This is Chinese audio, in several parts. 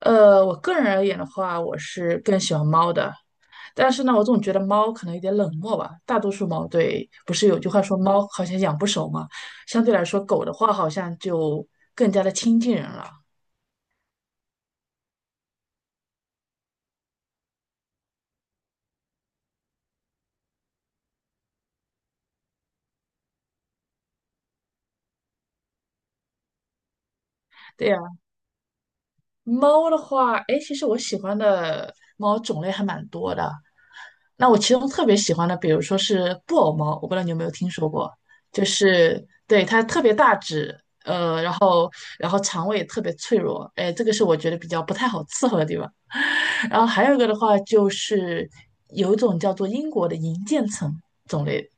我个人而言的话，我是更喜欢猫的，但是呢，我总觉得猫可能有点冷漠吧。大多数猫对，不是有句话说猫好像养不熟嘛，相对来说，狗的话好像就更加的亲近人了。对呀，猫的话，哎，其实我喜欢的猫种类还蛮多的，那我其中特别喜欢的，比如说是布偶猫，我不知道你有没有听说过，就是对它特别大只，呃，然后然后肠胃也特别脆弱，哎，这个是我觉得比较不太好伺候的地方。然后还有一个的话，就是有一种叫做英国的银渐层种类，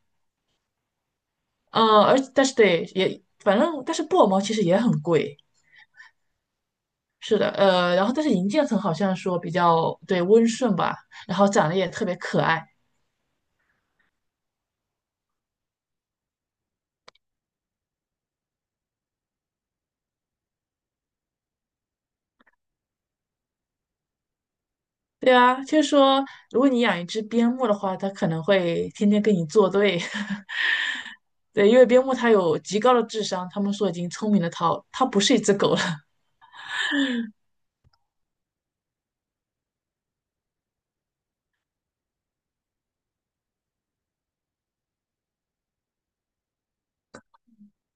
呃，而但是对也反正但是布偶猫其实也很贵，是的，然后但是银渐层好像说比较对温顺吧，然后长得也特别可爱。对啊，就是说，如果你养一只边牧的话，它可能会天天跟你作对。对，因为边牧它有极高的智商，他们说已经聪明的它，不是一只狗了。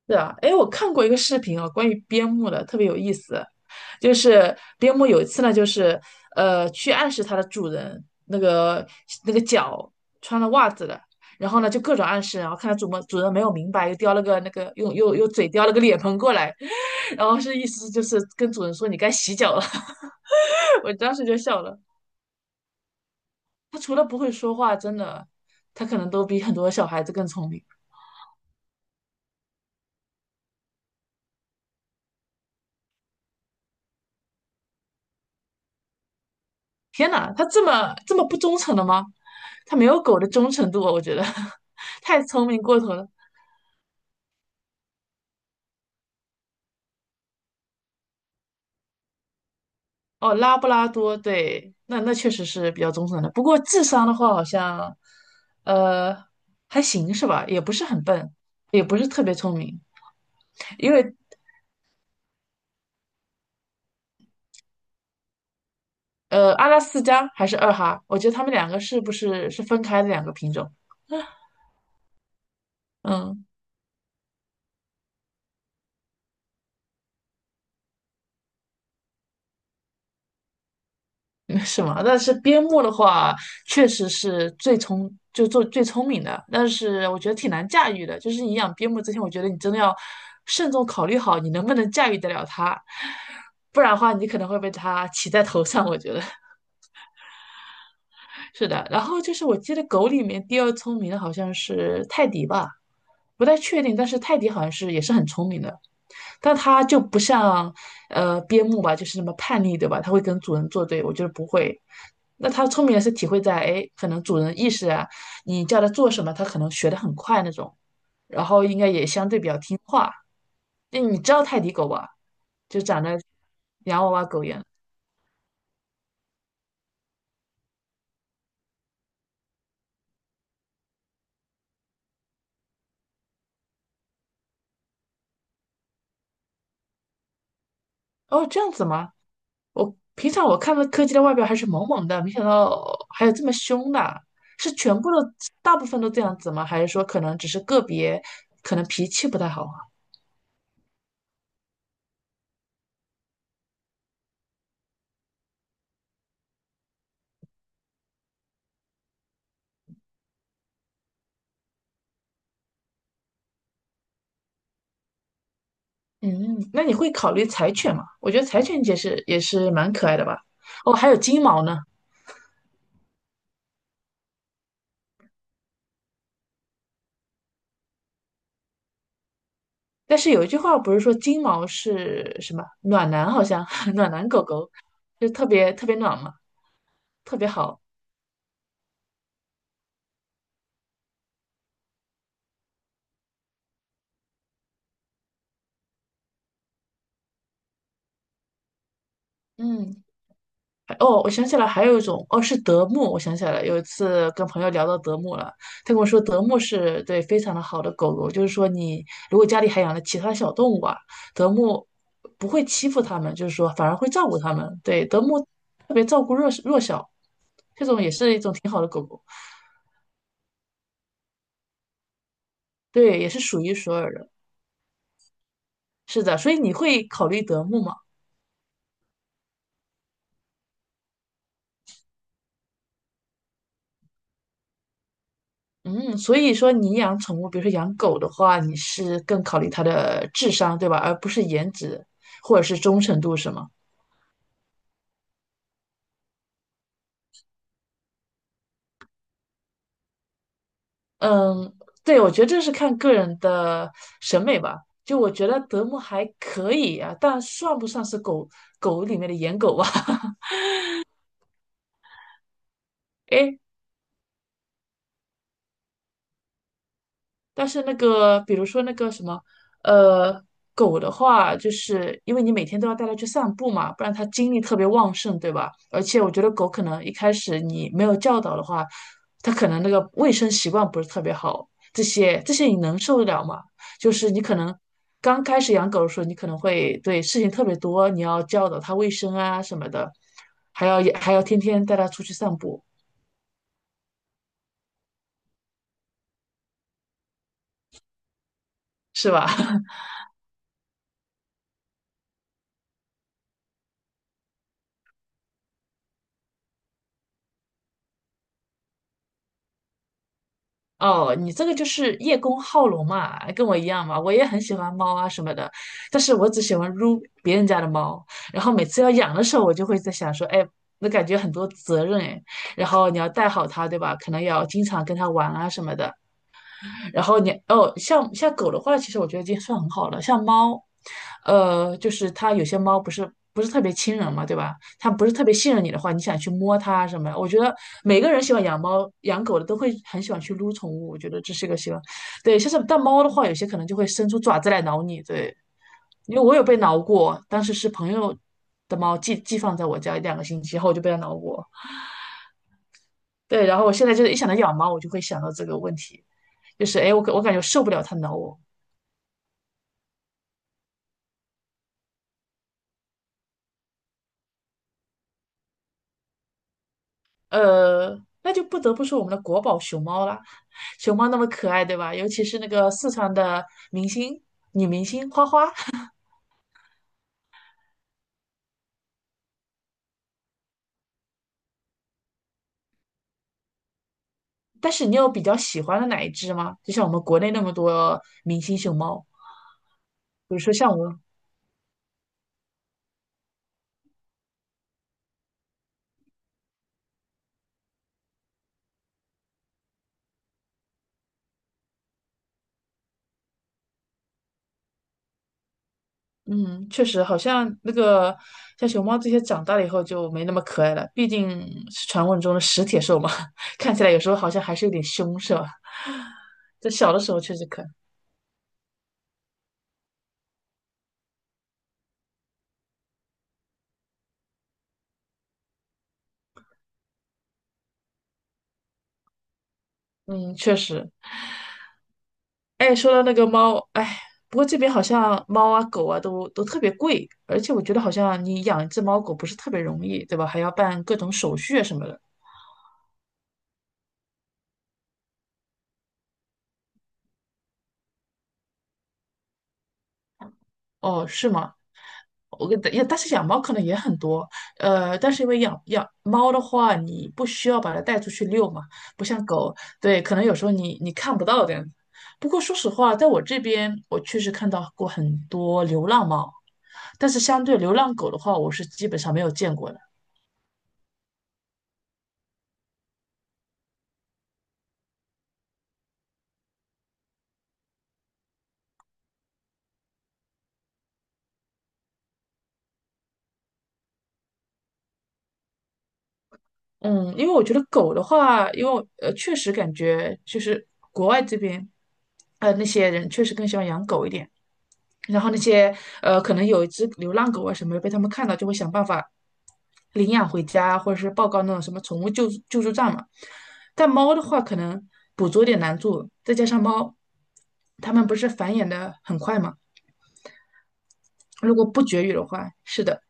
是啊，哎，我看过一个视频哦，关于边牧的，特别有意思。就是边牧有一次呢，去暗示它的主人那个脚穿了袜子了，然后呢就各种暗示，然后看它主们主人没有明白，又叼了个那个用又又嘴叼了个脸盆过来，然后是意思就是跟主人说你该洗脚了。我当时就笑了，它除了不会说话，真的，它可能都比很多小孩子更聪明。天哪，它这么不忠诚的吗？它没有狗的忠诚度啊我觉得 太聪明过头了。哦，拉布拉多，对，那那确实是比较忠诚的。不过智商的话，好像呃还行是吧？也不是很笨，也不是特别聪明。因为阿拉斯加还是二哈，我觉得它们两个是不是分开的两个品种？嗯。没什么，但是边牧的话，确实是最聪，就做最聪明的，但是我觉得挺难驾驭的。就是你养边牧之前，我觉得你真的要慎重考虑好你能不能驾驭得了它，不然的话，你可能会被它骑在头上。我觉得 是的。然后就是我记得狗里面第二聪明的好像是泰迪吧，不太确定，但是泰迪好像是也是很聪明的。但它就不像边牧吧，就是那么叛逆，对吧？它会跟主人作对，我觉得不会。那它聪明是体会在，哎，可能主人意识啊，你叫它做什么，它可能学得很快那种，然后应该也相对比较听话。那你知道泰迪狗吧？就长得洋娃娃狗一样。哦，这样子吗？我平常我看到柯基的外表还是萌萌的，没想到还有这么凶的。是全部的，大部分都这样子吗？还是说可能只是个别，可能脾气不太好？嗯，那你会考虑柴犬吗？我觉得柴犬也是蛮可爱的吧。哦，还有金毛呢。但是有一句话不是说金毛是什么暖男，好像 暖男狗狗，就特别特别暖嘛，特别好。嗯，还哦，我想起来还有一种，哦，是德牧。我想起来了，有一次跟朋友聊到德牧了，他跟我说德牧是对非常的好的狗狗，就是说你如果家里还养了其他小动物啊，德牧不会欺负它们，就是说反而会照顾它们。对，德牧特别照顾弱小，这种也是一种挺好的狗狗，对，也是数一数二的。是的，所以你会考虑德牧吗？嗯，所以说你养宠物，比如说养狗的话，你是更考虑它的智商，对吧？而不是颜值或者是忠诚度，是吗？嗯，对，我觉得这是看个人的审美吧。就我觉得德牧还可以啊，但算不上是狗里面的颜狗吧？哎但是那个，比如说那个什么，呃，狗的话，就是因为你每天都要带它去散步嘛，不然它精力特别旺盛，对吧？而且我觉得狗可能一开始你没有教导的话，它可能那个卫生习惯不是特别好，这些你能受得了吗？就是你可能刚开始养狗的时候，你可能会对事情特别多，你要教导它卫生啊什么的，还要天天带它出去散步，是吧？哦，你这个就是叶公好龙嘛，跟我一样嘛，我也很喜欢猫啊什么的，但是我只喜欢撸别人家的猫，然后每次要养的时候，我就会在想说，哎，那感觉很多责任哎，然后你要带好它，对吧？可能要经常跟它玩啊什么的，然后你哦，像狗的话，其实我觉得已经算很好了。像猫，就是它有些猫不是特别亲人嘛，对吧？它不是特别信任你的话，你想去摸它什么的？我觉得每个人喜欢养猫、养狗的都会很喜欢去撸宠物，我觉得这是一个喜欢。对，像是但猫的话，有些可能就会伸出爪子来挠你，对，因为我有被挠过，当时是朋友的猫寄放在我家两个星期后，我就被它挠过。对，然后我现在就是一想到养猫，我就会想到这个问题，就是哎，诶我感觉受不了它挠我，那就不得不说我们的国宝熊猫啦，熊猫那么可爱，对吧？尤其是那个四川的明星女明星花花，但是你有比较喜欢的哪一只吗？就像我们国内那么多明星熊猫，比如说像我，嗯，确实好像那个像熊猫这些长大了以后就没那么可爱了，毕竟是传闻中的食铁兽嘛，看起来有时候好像还是有点凶，是吧？在小的时候确实可爱。嗯，确实。哎，说到那个猫，哎，不过这边好像猫啊、狗啊都特别贵，而且我觉得好像你养一只猫狗不是特别容易，对吧？还要办各种手续啊什么的。哦，是吗？我跟也，但是养猫可能也很多，但是因为养猫的话，你不需要把它带出去遛嘛，不像狗，对，可能有时候你看不到这样子。不过说实话，在我这边，我确实看到过很多流浪猫，但是相对流浪狗的话，我是基本上没有见过的。嗯，因为我觉得狗的话，因为我呃，确实感觉就是国外这边，那些人确实更喜欢养狗一点。然后那些可能有一只流浪狗啊什么的被他们看到就会想办法领养回家，或者是报告那种什么宠物救助站嘛。但猫的话，可能捕捉有点难度，再加上猫，它们不是繁衍的很快嘛，如果不绝育的话，是的。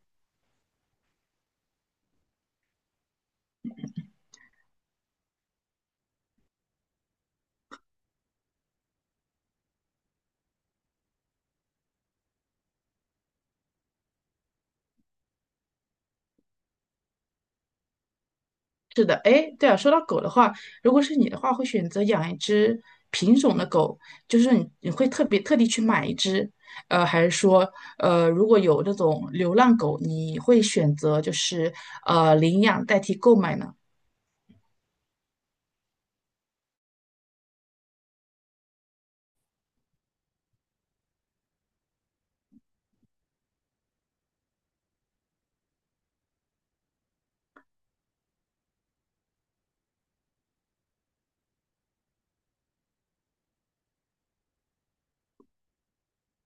是的，哎，对啊，说到狗的话，如果是你的话，会选择养一只品种的狗，就是你会特别特地去买一只，呃，还是说，如果有那种流浪狗，你会选择就是领养代替购买呢？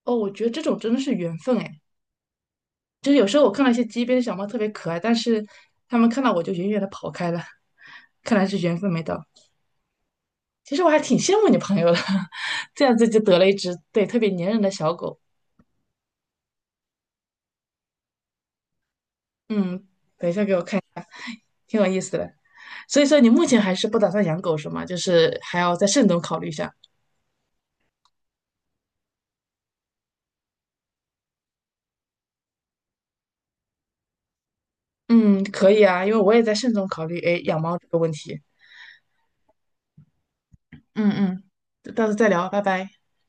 哦，我觉得这种真的是缘分哎，就是有时候我看到一些街边的小猫特别可爱，但是它们看到我就远远的跑开了，看来是缘分没到。其实我还挺羡慕你朋友的，这样子就得了一只对特别粘人的小狗。嗯，等一下给我看。挺有意思的。所以说你目前还是不打算养狗是吗？就是还要再慎重考虑一下。嗯，可以啊，因为我也在慎重考虑，哎，养猫这个问题。嗯嗯，到时候再聊，拜拜。